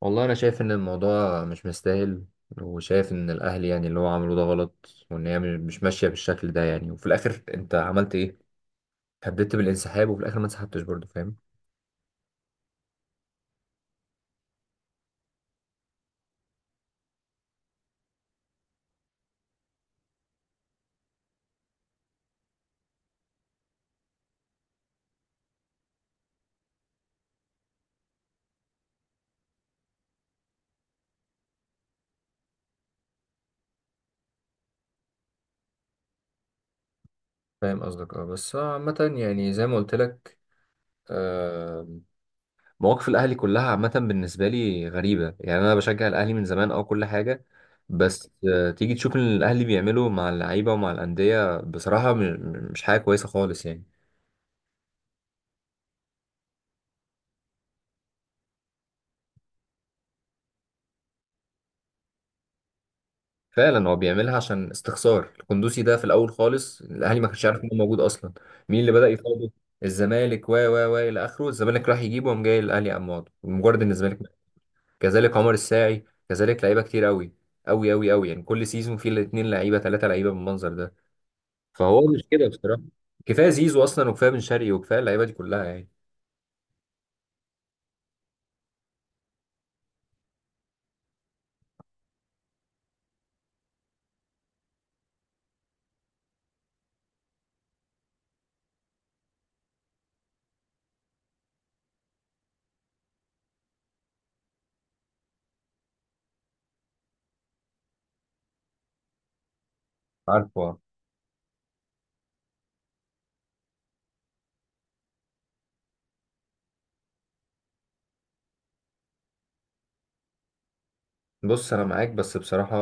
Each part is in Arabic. والله انا شايف ان الموضوع مش مستاهل، وشايف ان الاهل يعني اللي هو عمله ده غلط وان هي مش ماشيه بالشكل ده يعني. وفي الاخر انت عملت ايه؟ هددت بالانسحاب وفي الاخر ما انسحبتش برضه، فاهم؟ فاهم قصدك، اه. بس عامه يعني زي ما قلت لك. آه، مواقف الاهلي كلها عامه بالنسبه لي غريبه يعني. انا بشجع الاهلي من زمان او كل حاجه، بس تيجي تشوف اللي الاهلي بيعمله مع اللعيبه ومع الانديه بصراحه مش حاجه كويسه خالص يعني. فعلا هو بيعملها عشان استخسار القندوسي ده. في الاول خالص الاهلي ما كانش عارف ان هو موجود اصلا. مين اللي بدا يفاوضه؟ الزمالك، و الى اخره. الزمالك راح يجيبه وقام جاي الاهلي قام واخده، مجرد ان الزمالك. كذلك عمر الساعي، كذلك لعيبه كتير قوي قوي قوي قوي يعني. كل سيزون فيه الاثنين لعيبه ثلاثه لعيبه بالمنظر ده. فهو مش كده بصراحه، كفايه زيزو اصلا وكفايه بن شرقي وكفايه اللعيبه دي كلها يعني. عارفه. بص انا معاك، بس بصراحه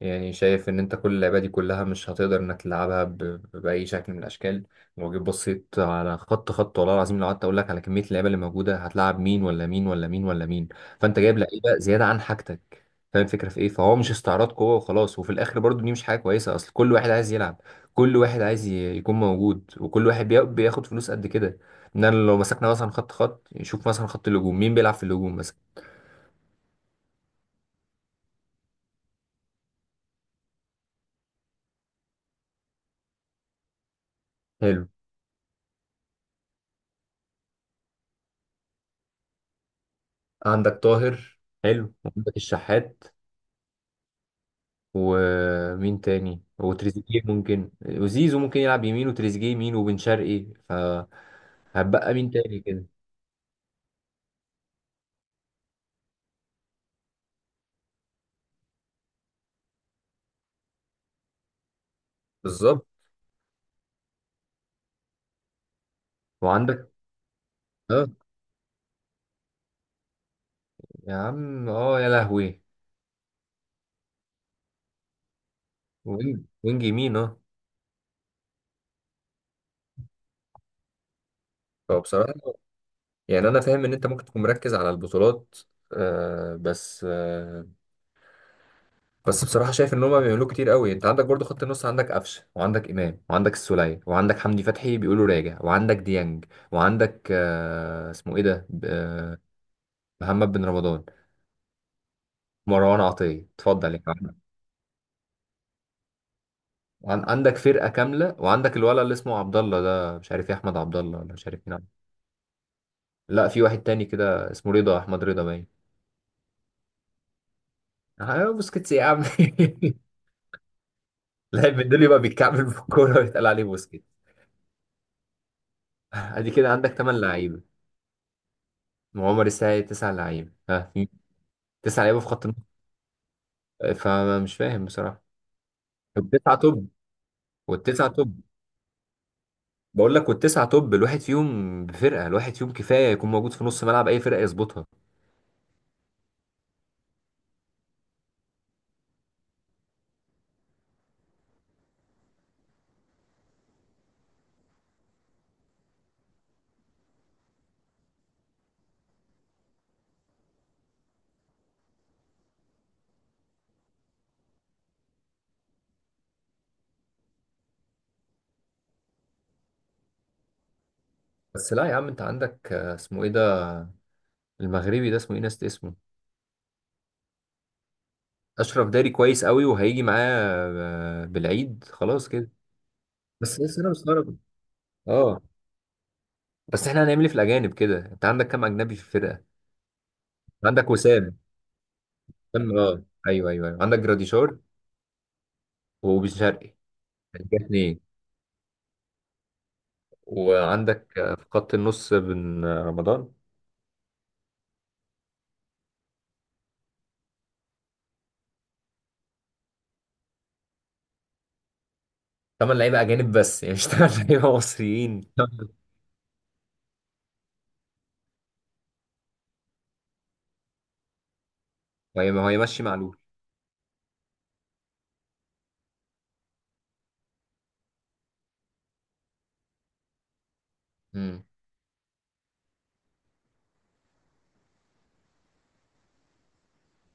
يعني شايف ان انت كل اللعبة دي كلها مش هتقدر انك تلعبها بأي شكل من الاشكال. لو جيت بصيت على خط والله العظيم، لو قعدت اقول لك على كمية اللعيبة اللي موجودة هتلعب مين ولا مين ولا مين ولا مين. فانت جايب لعيبة زيادة عن حاجتك. فاهم الفكرة في ايه؟ فهو مش استعراض قوة وخلاص، وفي الاخر برضو دي مش حاجة كويسة، اصل كل واحد عايز يلعب، كل واحد عايز يكون موجود، وكل واحد بياخد فلوس قد كده. ان انا لو مسكنا مثلا خط، نشوف مثلا خط الهجوم مين بيلعب في الهجوم مثلا. حلو. عندك طاهر. حلو، عندك الشحات، ومين تاني؟ وتريزيجيه ممكن، وزيزو ممكن يلعب يمين، وتريزيجيه يمين، وبن شرقي، فهتبقى مين تاني كده؟ بالظبط. وعندك، اه، يا عم اه، يا لهوي. وينج يمين، اه. فبصراحة يعني أنا فاهم إن أنت ممكن تكون مركز على البطولات، آه، بس آه، بس بصراحة شايف إن هما بيعملوه كتير قوي. أنت عندك برضو خط النص، عندك قفشة، وعندك إمام، وعندك السولية، وعندك حمدي فتحي بيقولوا راجع، وعندك ديانج، وعندك آه، اسمه إيه ده، محمد بن رمضان، مروان عطية، اتفضل يا احمد. عندك فرقة كاملة، وعندك الولد اللي اسمه عبد الله ده، مش عارف ايه، احمد عبد الله ولا مش عارف مين، لا في واحد تاني كده اسمه رضا، احمد رضا باين. اه، بوسكيتس يا عم. لاعب من دول يبقى بيتكعبل في الكورة ويتقال عليه بوسكيت. ادي كده عندك تمن لعيبة، وعمر السعيد تسع لعيبة. ها، في تسع لعيبة في خط النص. فمش فاهم بصراحة. والتسعة توب. والتسعة توب. بقول لك والتسعة توب، الواحد فيهم بفرقة، الواحد فيهم كفاية يكون موجود في نص ملعب أي فرقة يظبطها. بس لا يا عم، أنت عندك آه، اسمه إيه ده، المغربي ده اسمه ايه، ناس اسمه. اشرف داري كويس قوي، وهيجي معاه بالعيد، خلاص كده. بس لسه انا مستغرب، اه. بس احنا هنعمل ايه في الاجانب كده؟ انت عندك كام اجنبي في الفرقه؟ عندك وسام. وسام، اه. ايوه ايوه ايوه، عندك جراديشار وبن شرقي، ده اتنين. وعندك آه، في خط النص، بن آه، رمضان. تمن لعيبه اجانب بس، يعني مش تمن لعيبه مصريين. وهي ما هو يمشي معلول. امم.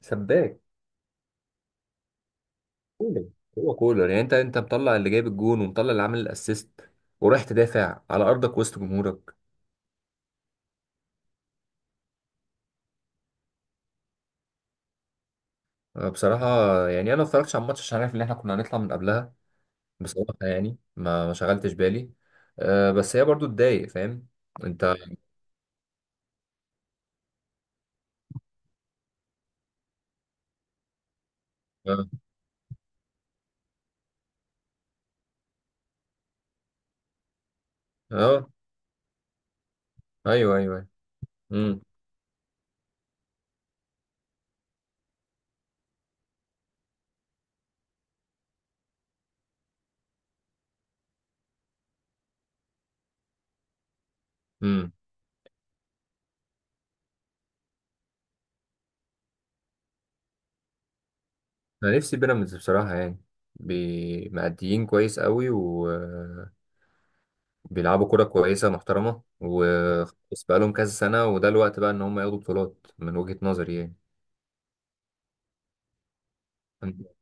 سباك. كولر. هو كولر يعني، انت انت مطلع اللي جايب الجون ومطلع اللي عامل الاسيست، ورايح تدافع على ارضك وسط جمهورك. أه بصراحه، يعني انا ما اتفرجتش على الماتش عشان عارف ان احنا كنا هنطلع من قبلها. بصراحه يعني ما شغلتش بالي. أه بس هي برضو تضايق، فاهم؟ انت. اه. آه، ايوه ايوه. امم. امم. انا نفسي بيراميدز بصراحه يعني، مأديين كويس قوي، وبيلعبوا كرة كويسة محترمة وخلاص، بقالهم كذا سنة، وده الوقت بقى ان هم ياخدوا بطولات من وجهة نظري يعني. عامة.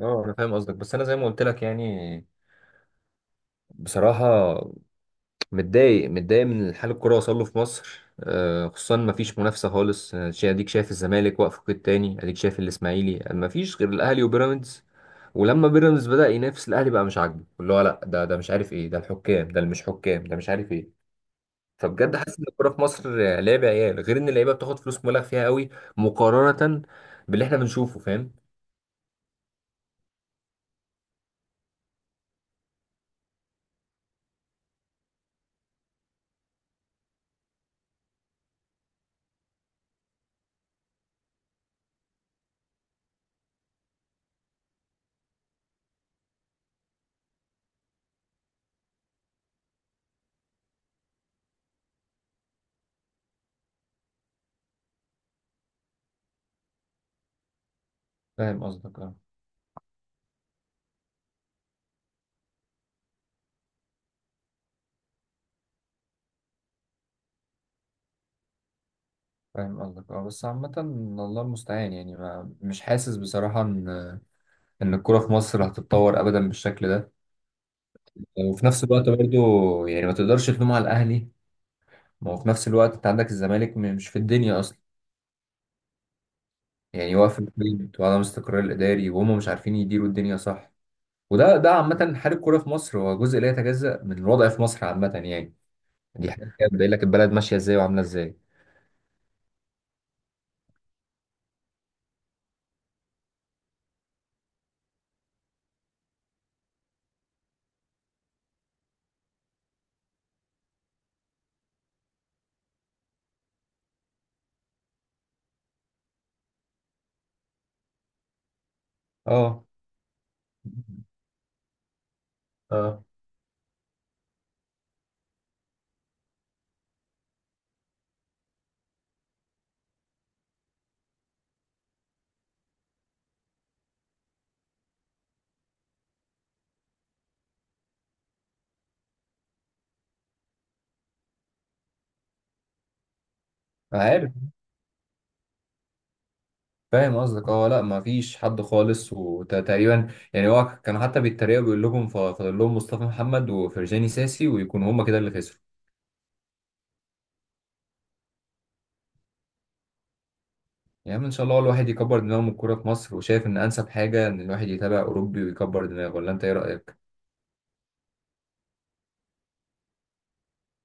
اه انا فاهم قصدك، بس انا زي ما قلت لك يعني بصراحة متضايق، متضايق من حال الكرة وصل له في مصر. آه، خصوصا ما فيش منافسة خالص، آه، اديك شايف الزمالك واقف في قيد تاني، اديك شايف الاسماعيلي، ما فيش غير الاهلي وبيراميدز. ولما بيراميدز بدأ ينافس الاهلي بقى مش عاجبه، اللي هو لا ده مش عارف ايه، ده الحكام، ده اللي مش حكام، ده مش عارف ايه. فبجد حاسس ان الكوره في مصر آه، لعب عيال، غير ان اللعيبه بتاخد فلوس مبالغ فيها قوي مقارنه باللي احنا بنشوفه، فاهم؟ فاهم قصدك، اه. فاهم قصدك، اه. بس عامة الله المستعان يعني، ما مش حاسس بصراحة ان ان الكورة في مصر هتتطور ابدا بالشكل ده. آه، وفي نفس الوقت برضو يعني ما تقدرش تلوم على الاهلي، ما هو في نفس الوقت انت عندك الزمالك مش في الدنيا اصلا يعني، واقف البيت وعدم استقرار الاداري وهم مش عارفين يديروا الدنيا، صح؟ وده عامة حال الكورة في مصر هو جزء لا يتجزأ من الوضع في مصر عامة يعني، دي حاجة بتبين لك البلد ماشية ازاي وعاملة ازاي. اه. اه. عارف. فاهم قصدك، اه. لا ما فيش حد خالص، وتقريبا يعني هو كان حتى بيتريقوا بيقول لكم فاضل لهم مصطفى محمد وفرجاني ساسي ويكونوا هما كده اللي خسروا. يا عم ان شاء الله الواحد يكبر دماغه من الكوره في مصر، وشايف ان انسب حاجه ان الواحد يتابع اوروبي ويكبر دماغه، ولا انت ايه رايك؟